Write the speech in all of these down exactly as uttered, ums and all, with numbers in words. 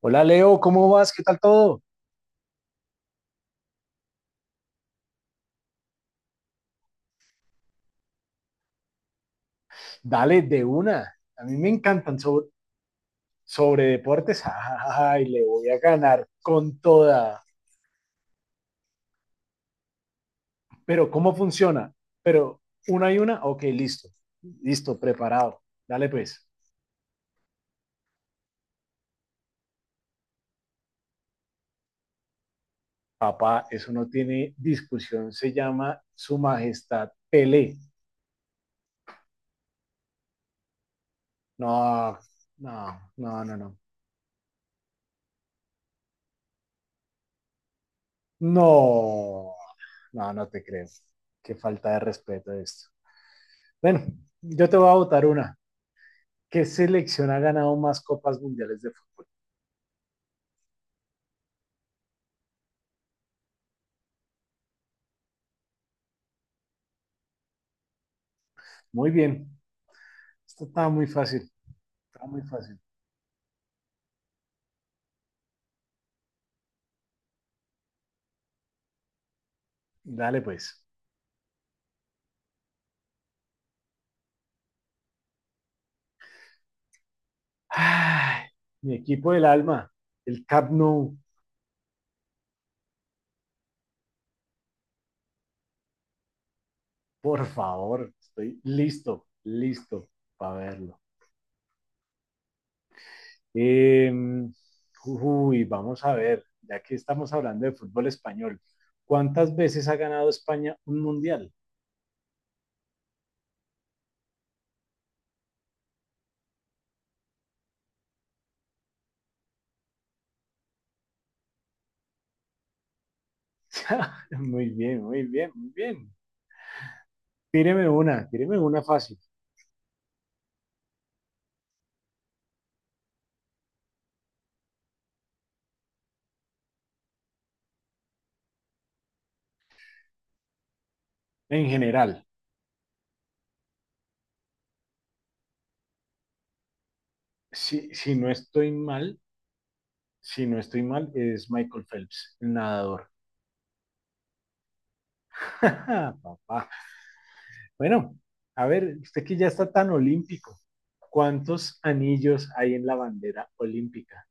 Hola Leo, ¿cómo vas? ¿Qué tal todo? Dale, de una. A mí me encantan so- sobre deportes. Ay, le voy a ganar con toda. Pero, ¿cómo funciona? Pero, una y una, ok, listo. Listo, preparado. Dale pues. Papá, eso no tiene discusión. Se llama Su Majestad Pelé. No, no, no, no, no. No, no, no te creo. Qué falta de respeto esto. Bueno, yo te voy a votar una. ¿Qué selección ha ganado más copas mundiales de fútbol? Muy bien. Esto estaba muy fácil, estaba muy fácil. Dale pues. Ay, mi equipo del alma, el Cap Nou, por favor. Estoy listo, listo para verlo. Eh, uy, vamos a ver, ya que estamos hablando de fútbol español, ¿cuántas veces ha ganado España un mundial? Muy bien, muy bien, muy bien. Tíreme una, tíreme una fácil, en general. Si, si no estoy mal, si no estoy mal, es Michael Phelps, el nadador. Papá. Bueno, a ver, usted que ya está tan olímpico, ¿cuántos anillos hay en la bandera olímpica?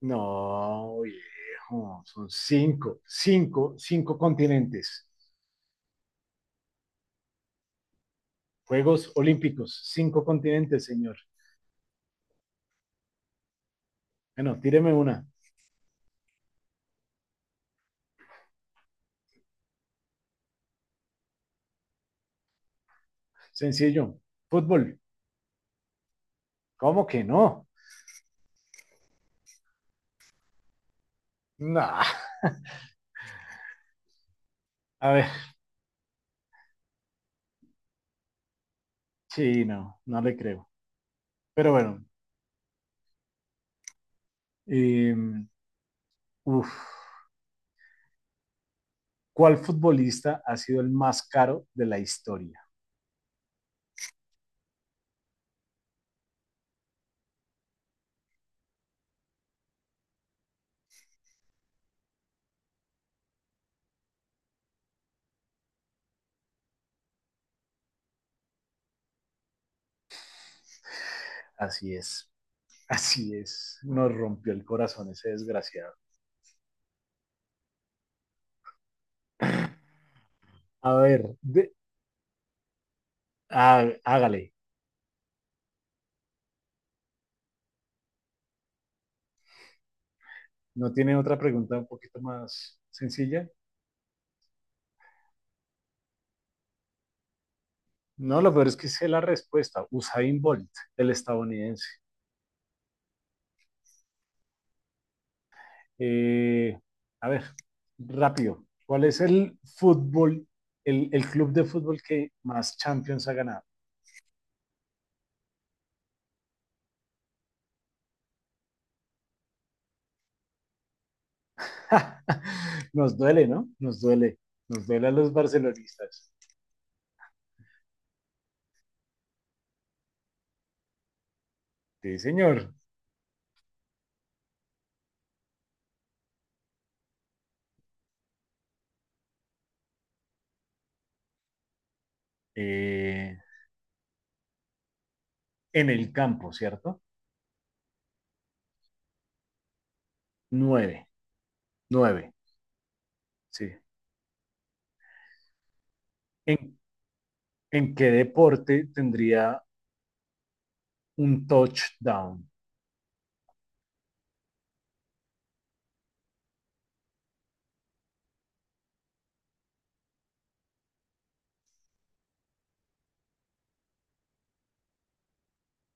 No, viejo, son cinco, cinco, cinco continentes. Juegos Olímpicos, cinco continentes, señor. Bueno, tíreme una. Sencillo. Fútbol. ¿Cómo que no? No. A ver, sí, no, no le creo. Pero bueno. Eh, uf, ¿cuál futbolista ha sido el más caro de la historia? Así es, así es. Nos rompió el corazón ese desgraciado. A ver, de- ah, hágale. ¿No tiene otra pregunta un poquito más sencilla? No, lo peor es que sé la respuesta. Usain Bolt, el estadounidense. Eh, a ver, rápido. ¿Cuál es el fútbol, el, el club de fútbol que más Champions ha ganado? Nos duele, ¿no? Nos duele. Nos duele a los barcelonistas. Sí, señor. Eh, en el campo, ¿cierto? Nueve. Nueve. Sí. ¿En, en qué deporte tendría un touchdown?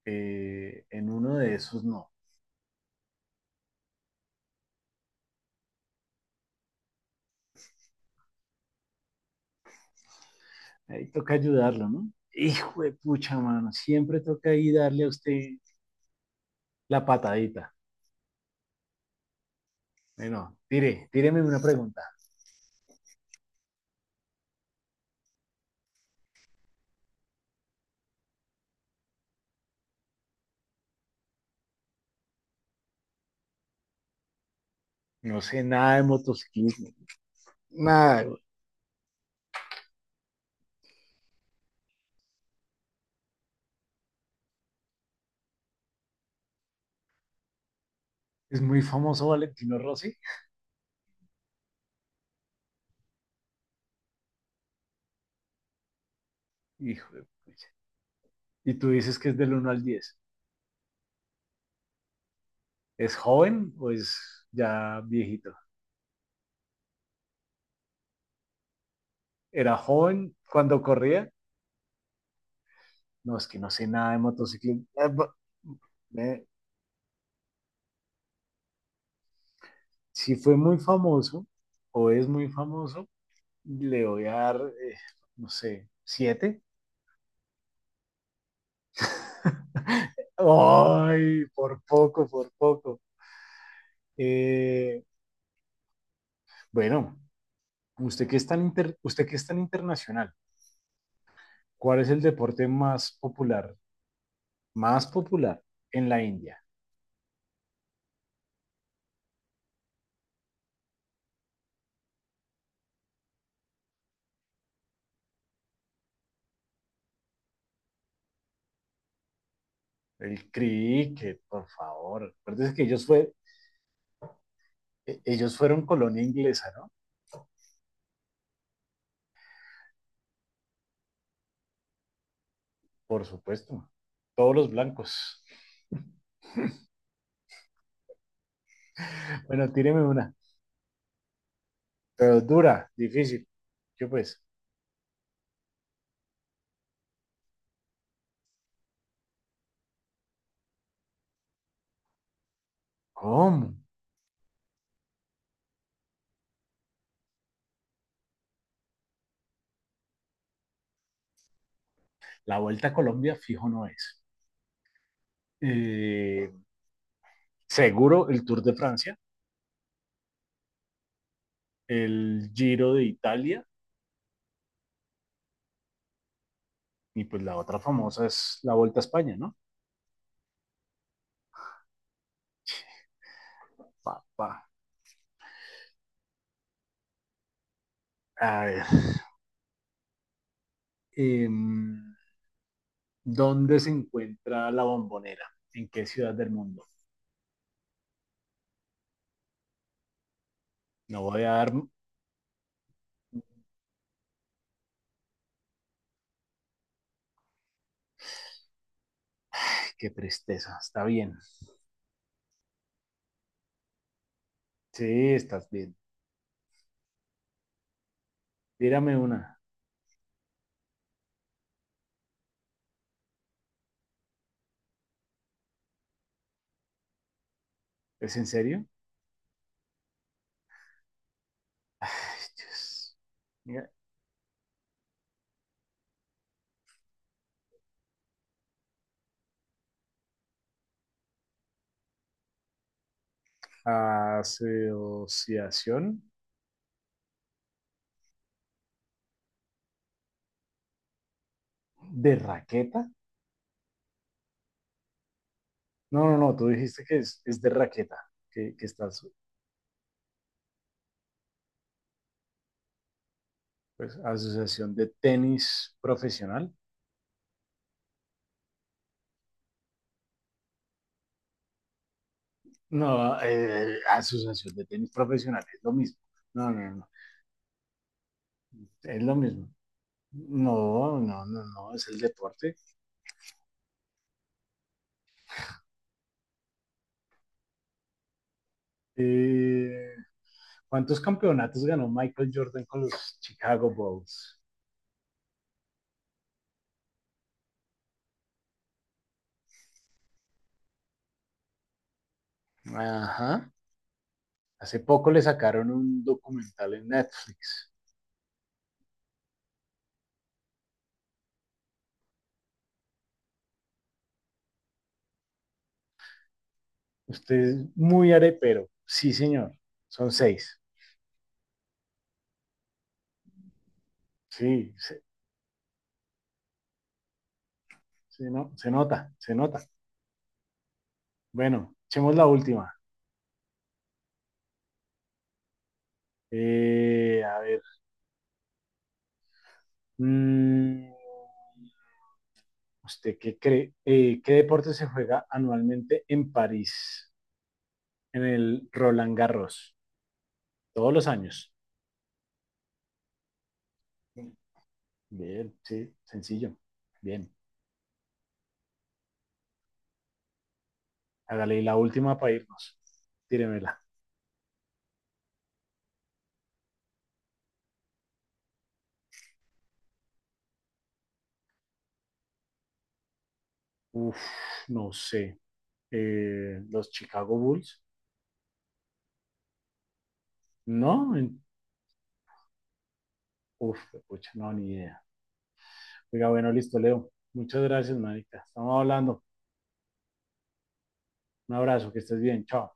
Eh, en uno de esos no. Ahí toca ayudarlo, ¿no? Hijo de pucha, mano. Siempre toca ahí darle a usted la patadita. Bueno, tire, tíreme una pregunta. No sé nada de motociclismo. Nada, güey. Es muy famoso Valentino Rossi. Hijo de pucha. Y tú dices que es del uno al diez. ¿Es joven o es ya viejito? ¿Era joven cuando corría? No, es que no sé nada de motociclismo. Eh, bu- eh, si fue muy famoso o es muy famoso, le voy a dar, eh, no sé, siete. Ay, por poco, por poco. Eh, bueno, usted que es tan inter- usted que es tan internacional, ¿cuál es el deporte más popular, más popular en la India? El cricket, por favor. Acuérdense que ellos, fue, e-, ellos fueron colonia inglesa, ¿no? Por supuesto. Todos los blancos. Bueno, tíreme una. Pero dura, difícil. Yo pues, ¿cómo? La Vuelta a Colombia fijo no es. Eh, seguro el Tour de Francia, el Giro de Italia y pues la otra famosa es la Vuelta a España, ¿no? Papá. A ver. eh, ¿Dónde se encuentra la bombonera? ¿En qué ciudad del mundo? No voy a dar. mm, Qué tristeza. Está bien. Sí, estás bien. Tírame una. ¿Es en serio? Ay, Dios. Mira, asociación de raqueta. No, no, no. Tú dijiste que es, es de raqueta. Que, que estás. Pues, asociación de tenis profesional. No, eh, asociación de tenis profesional. Es lo mismo. No, no, no. Es lo mismo. No, no, no, no. Es el deporte. Eh, ¿Cuántos campeonatos ganó Michael Jordan con los Chicago Bulls? Ajá. Hace poco le sacaron un documental en Netflix. Usted es muy arepero. Sí, señor. Son seis. Sí, se, se, no, se nota, se nota. Bueno, echemos la última. Eh, a ver. mm, ¿Usted qué cree? eh, ¿qué deporte se juega anualmente en París, en el Roland Garros? Todos los años. Bien, sí, sencillo. Bien. Hágale y la última para irnos. Tíremela. Uf, no sé. Eh, los Chicago Bulls. No, en- uf, pucha, no, ni idea. Oiga, bueno, listo, Leo. Muchas gracias, marica. Estamos hablando. Un abrazo, que estés bien. Chao.